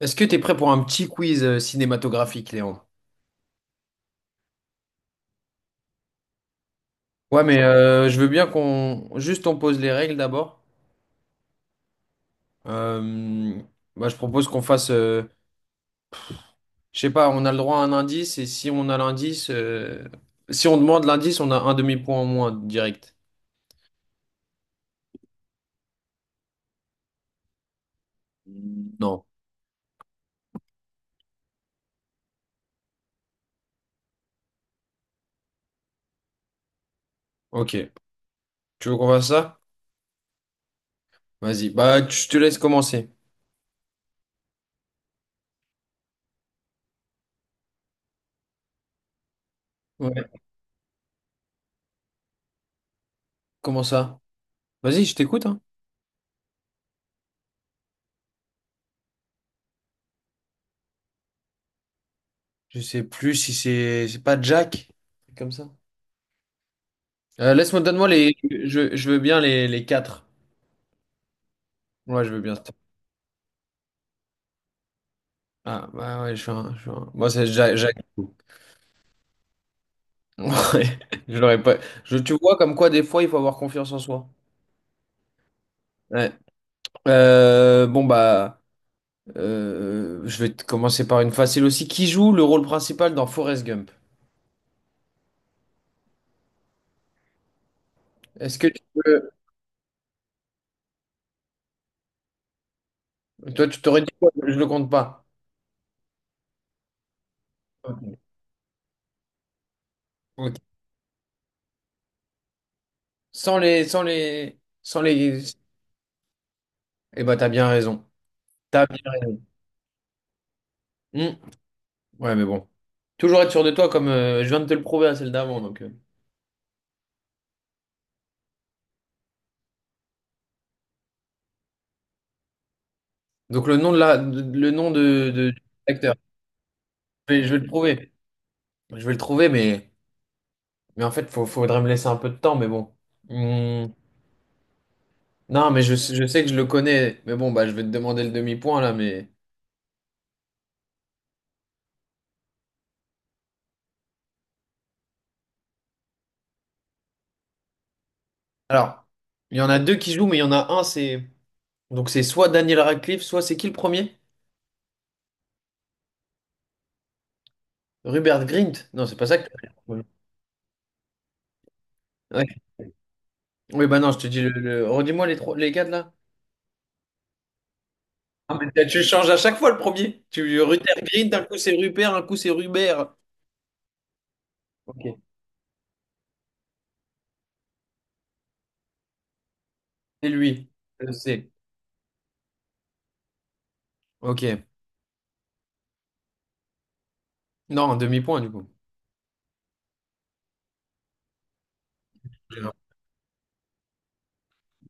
Est-ce que t'es prêt pour un petit quiz cinématographique, Léandre? Ouais, mais je veux bien qu'on juste on pose les règles d'abord. Euh, Bah, je propose qu'on fasse, je sais pas, on a le droit à un indice et si on demande l'indice, on a un demi-point en moins direct. Non. Ok. Tu veux qu'on fasse ça? Vas-y. Bah, je te laisse commencer. Ouais. Comment ça? Vas-y, je t'écoute, hein. Je sais plus si c'est pas Jack, un truc comme ça. Laisse-moi, je veux bien les quatre. Ouais, je veux bien. Ah, bah ouais, Moi, c'est Jacques. Jacques. Ouais, je l'aurais pas. Tu vois, comme quoi, des fois, il faut avoir confiance en soi. Ouais. Bon, bah, je vais te commencer par une facile aussi. Qui joue le rôle principal dans Forrest Gump? Est-ce que tu peux... Toi, tu t'aurais dit quoi? Je le compte pas. Ok. Ok. Sans les, sans les, sans les. Eh bah, t'as bien raison. T'as bien raison. Hmm. Ouais, mais bon. Toujours être sûr de toi, comme je viens de te le prouver à celle d'avant, donc. Donc le nom de la, de- le nom de l'acteur. Je vais le trouver. Je vais le trouver, mais en fait, faudrait me laisser un peu de temps, mais bon. Hum, non, mais je sais que je le connais. Mais bon, bah, je vais te demander le demi-point là, mais. Alors, il y en a deux qui jouent, mais il y en a un, c'est. Donc c'est soit Daniel Radcliffe, soit c'est qui le premier? Rupert Grint. Non, c'est pas ça que. Ouais. Oui, bah non, je te dis Redis-moi les trois, les quatre là. Ah, mais tu changes à chaque fois le premier. Tu Rupert Grint, un coup c'est Rupert, un coup c'est Rubert. Ok. C'est lui, je le sais. Ok. Non, un demi-point du coup.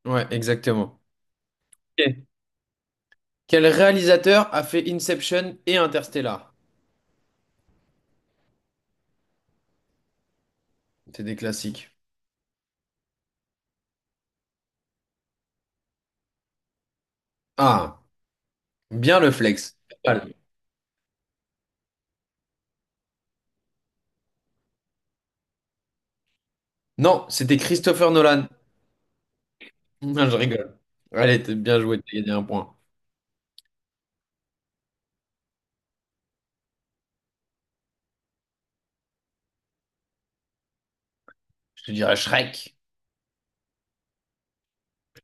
Ouais, exactement. Ok. Quel réalisateur a fait Inception et Interstellar? C'est des classiques. Ah, bien le flex. Pas mal. Non, c'était Christopher Nolan. Non, je rigole. Allez, t'es bien joué, t'as gagné un point. Je te dirais Shrek.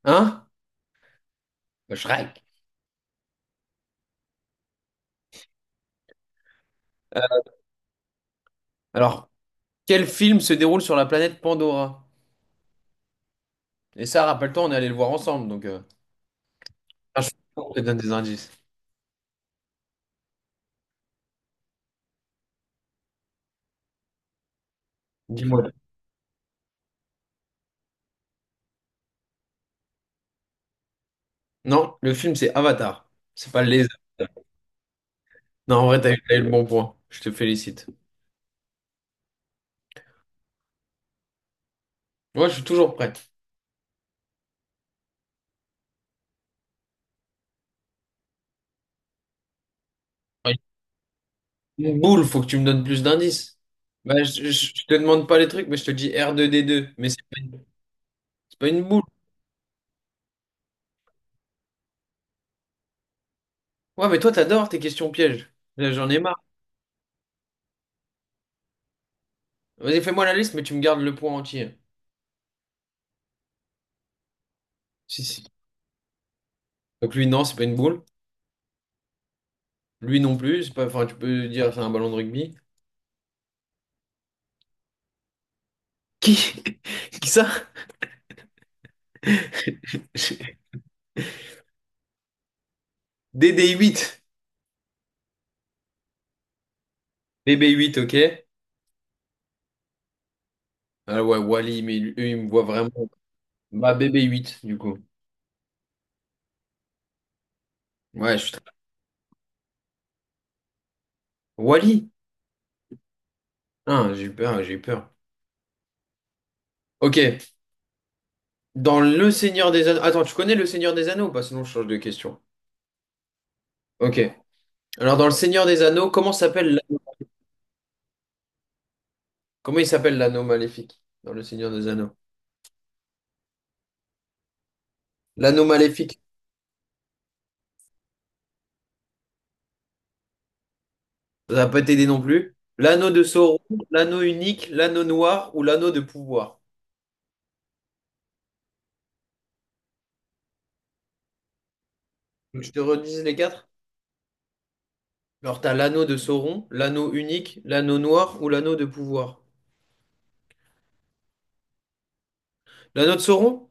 Hein? Le Shrek. Euh, Alors, quel film se déroule sur la planète Pandora? Et ça, rappelle-toi, on est allé le voir ensemble, donc... ah, je te donne des indices. Dis-moi. Non, le film, c'est Avatar. C'est pas les... Non, en vrai, t'as eu le bon point. Je te félicite. Moi, je suis toujours prêt. Ouais, une boule, faut que tu me donnes plus d'indices. Bah, je te demande pas les trucs, mais je te dis R2D2. Mais c'est pas une boule. Ouais, mais toi, t'adores tes questions pièges. Là, j'en ai marre. Vas-y, fais-moi la liste, mais tu me gardes le point entier. Si, si. Donc lui, non, c'est pas une boule. Lui non plus, c'est pas, enfin, tu peux dire c'est un ballon de rugby. Qui? Qui ça? DD8. BB8, ok. Ah ouais, Wally, mais lui, eux, ils me voient vraiment. Bah, BB8, du coup. Ouais, je suis très... Wally? Ah, j'ai eu peur, ah, j'ai eu peur. Ok, dans Le Seigneur des Anneaux. Attends, tu connais Le Seigneur des Anneaux ou pas? Sinon, je change de question. Ok. Alors, dans Le Seigneur des Anneaux, comment s'appelle l'anneau? Comment il s'appelle l'anneau maléfique? Dans Le Seigneur des Anneaux. L'anneau maléfique, ça va pas t'aider non plus. L'anneau de Sauron, l'anneau unique, l'anneau noir ou l'anneau de pouvoir. Donc, je te redis les quatre. Alors, t'as l'anneau de Sauron, l'anneau unique, l'anneau noir ou l'anneau de pouvoir. L'anneau de Sauron?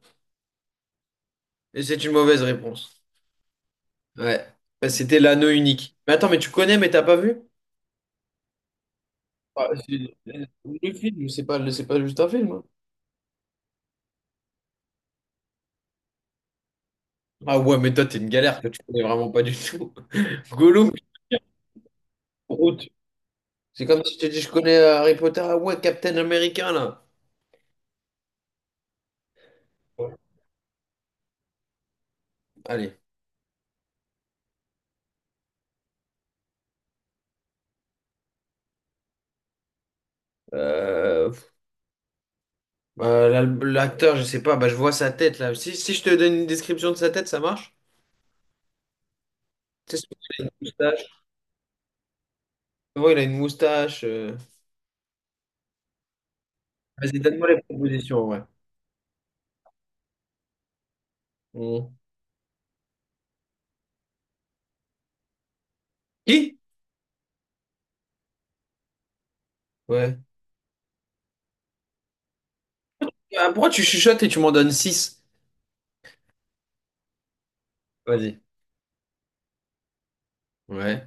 Et c'est une mauvaise réponse. Ouais. Bah, c'était l'anneau unique. Mais attends, mais tu connais, mais t'as pas vu? Ah, le film, c'est pas juste un film, hein. Ah ouais, mais toi, t'es une galère que tu connais vraiment pas du tout. Gollum, Groot. C'est comme si tu dis, je connais Harry Potter. Ah ouais, Captain America, là. Ouais. Allez. Euh, pff, l'acteur, je sais pas, bah, je vois sa tête, là. Si je te donne une description de sa tête, ça marche? C'est sûr qu'il a une moustache. Ouais, il a une moustache. Vas-y, donne-moi les propositions, ouais. Mm. Qui? Ouais. Ah, pourquoi tu chuchotes et tu m'en donnes six? Vas-y. Ouais.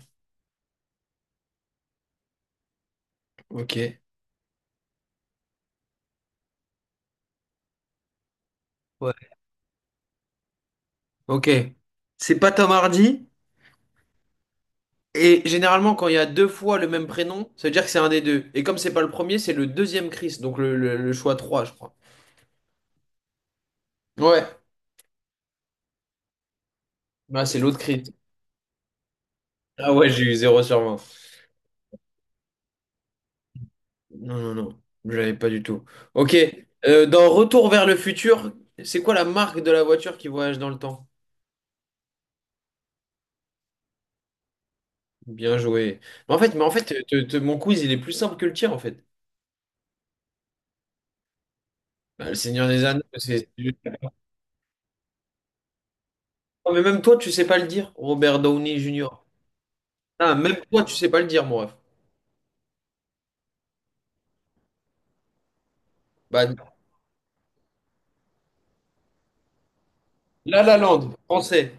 Ok. Ouais. Ok. C'est pas Tom Hardy. Et généralement, quand il y a deux fois le même prénom, ça veut dire que c'est un des deux. Et comme c'est pas le premier, c'est le deuxième Chris. Donc le choix 3, je crois. Ouais. Bah, c'est l'autre Chris. Ah ouais, j'ai eu zéro sur 20. Non, non, non. Je l'avais pas du tout. Ok. Dans Retour vers le futur, c'est quoi la marque de la voiture qui voyage dans le temps? Bien joué. Mais en fait mon quiz, il est plus simple que le tien, en fait. Bah, le Seigneur des Anneaux, c'est... Oh, mais même toi, tu sais pas le dire, Robert Downey Jr. Ah, même toi, tu sais pas le dire, mon ref. Bah, La La Land, français.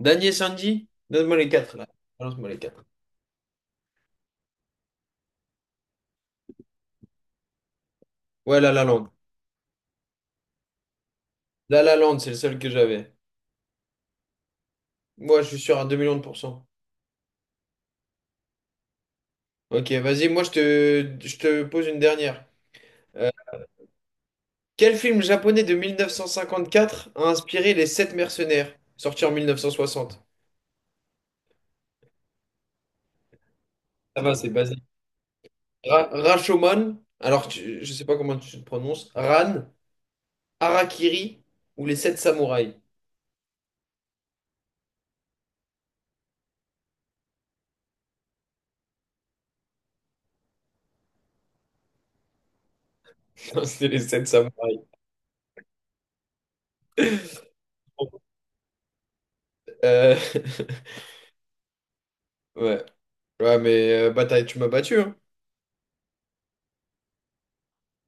Daniel Sanji. Donne-moi les quatre, là. Balance-moi les quatre. Ouais, La La Land. La La Land, c'est le seul que j'avais. Moi, je suis sûr à 2 millions de pourcents. Ok, vas-y, moi, je te pose une dernière. Euh, Quel film japonais de 1954 a inspiré Les Sept Mercenaires, sorti en 1960? Ça va, c'est basique. Rashomon, alors je sais pas comment tu te prononces. Ran, Harakiri ou Les Sept Samouraïs? Non, c'est Les Sept Samouraïs. Euh, ouais. Ouais, mais bataille, tu m'as battu, hein.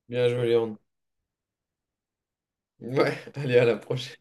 Bien joué, Léon. Ouais, allez, à la prochaine.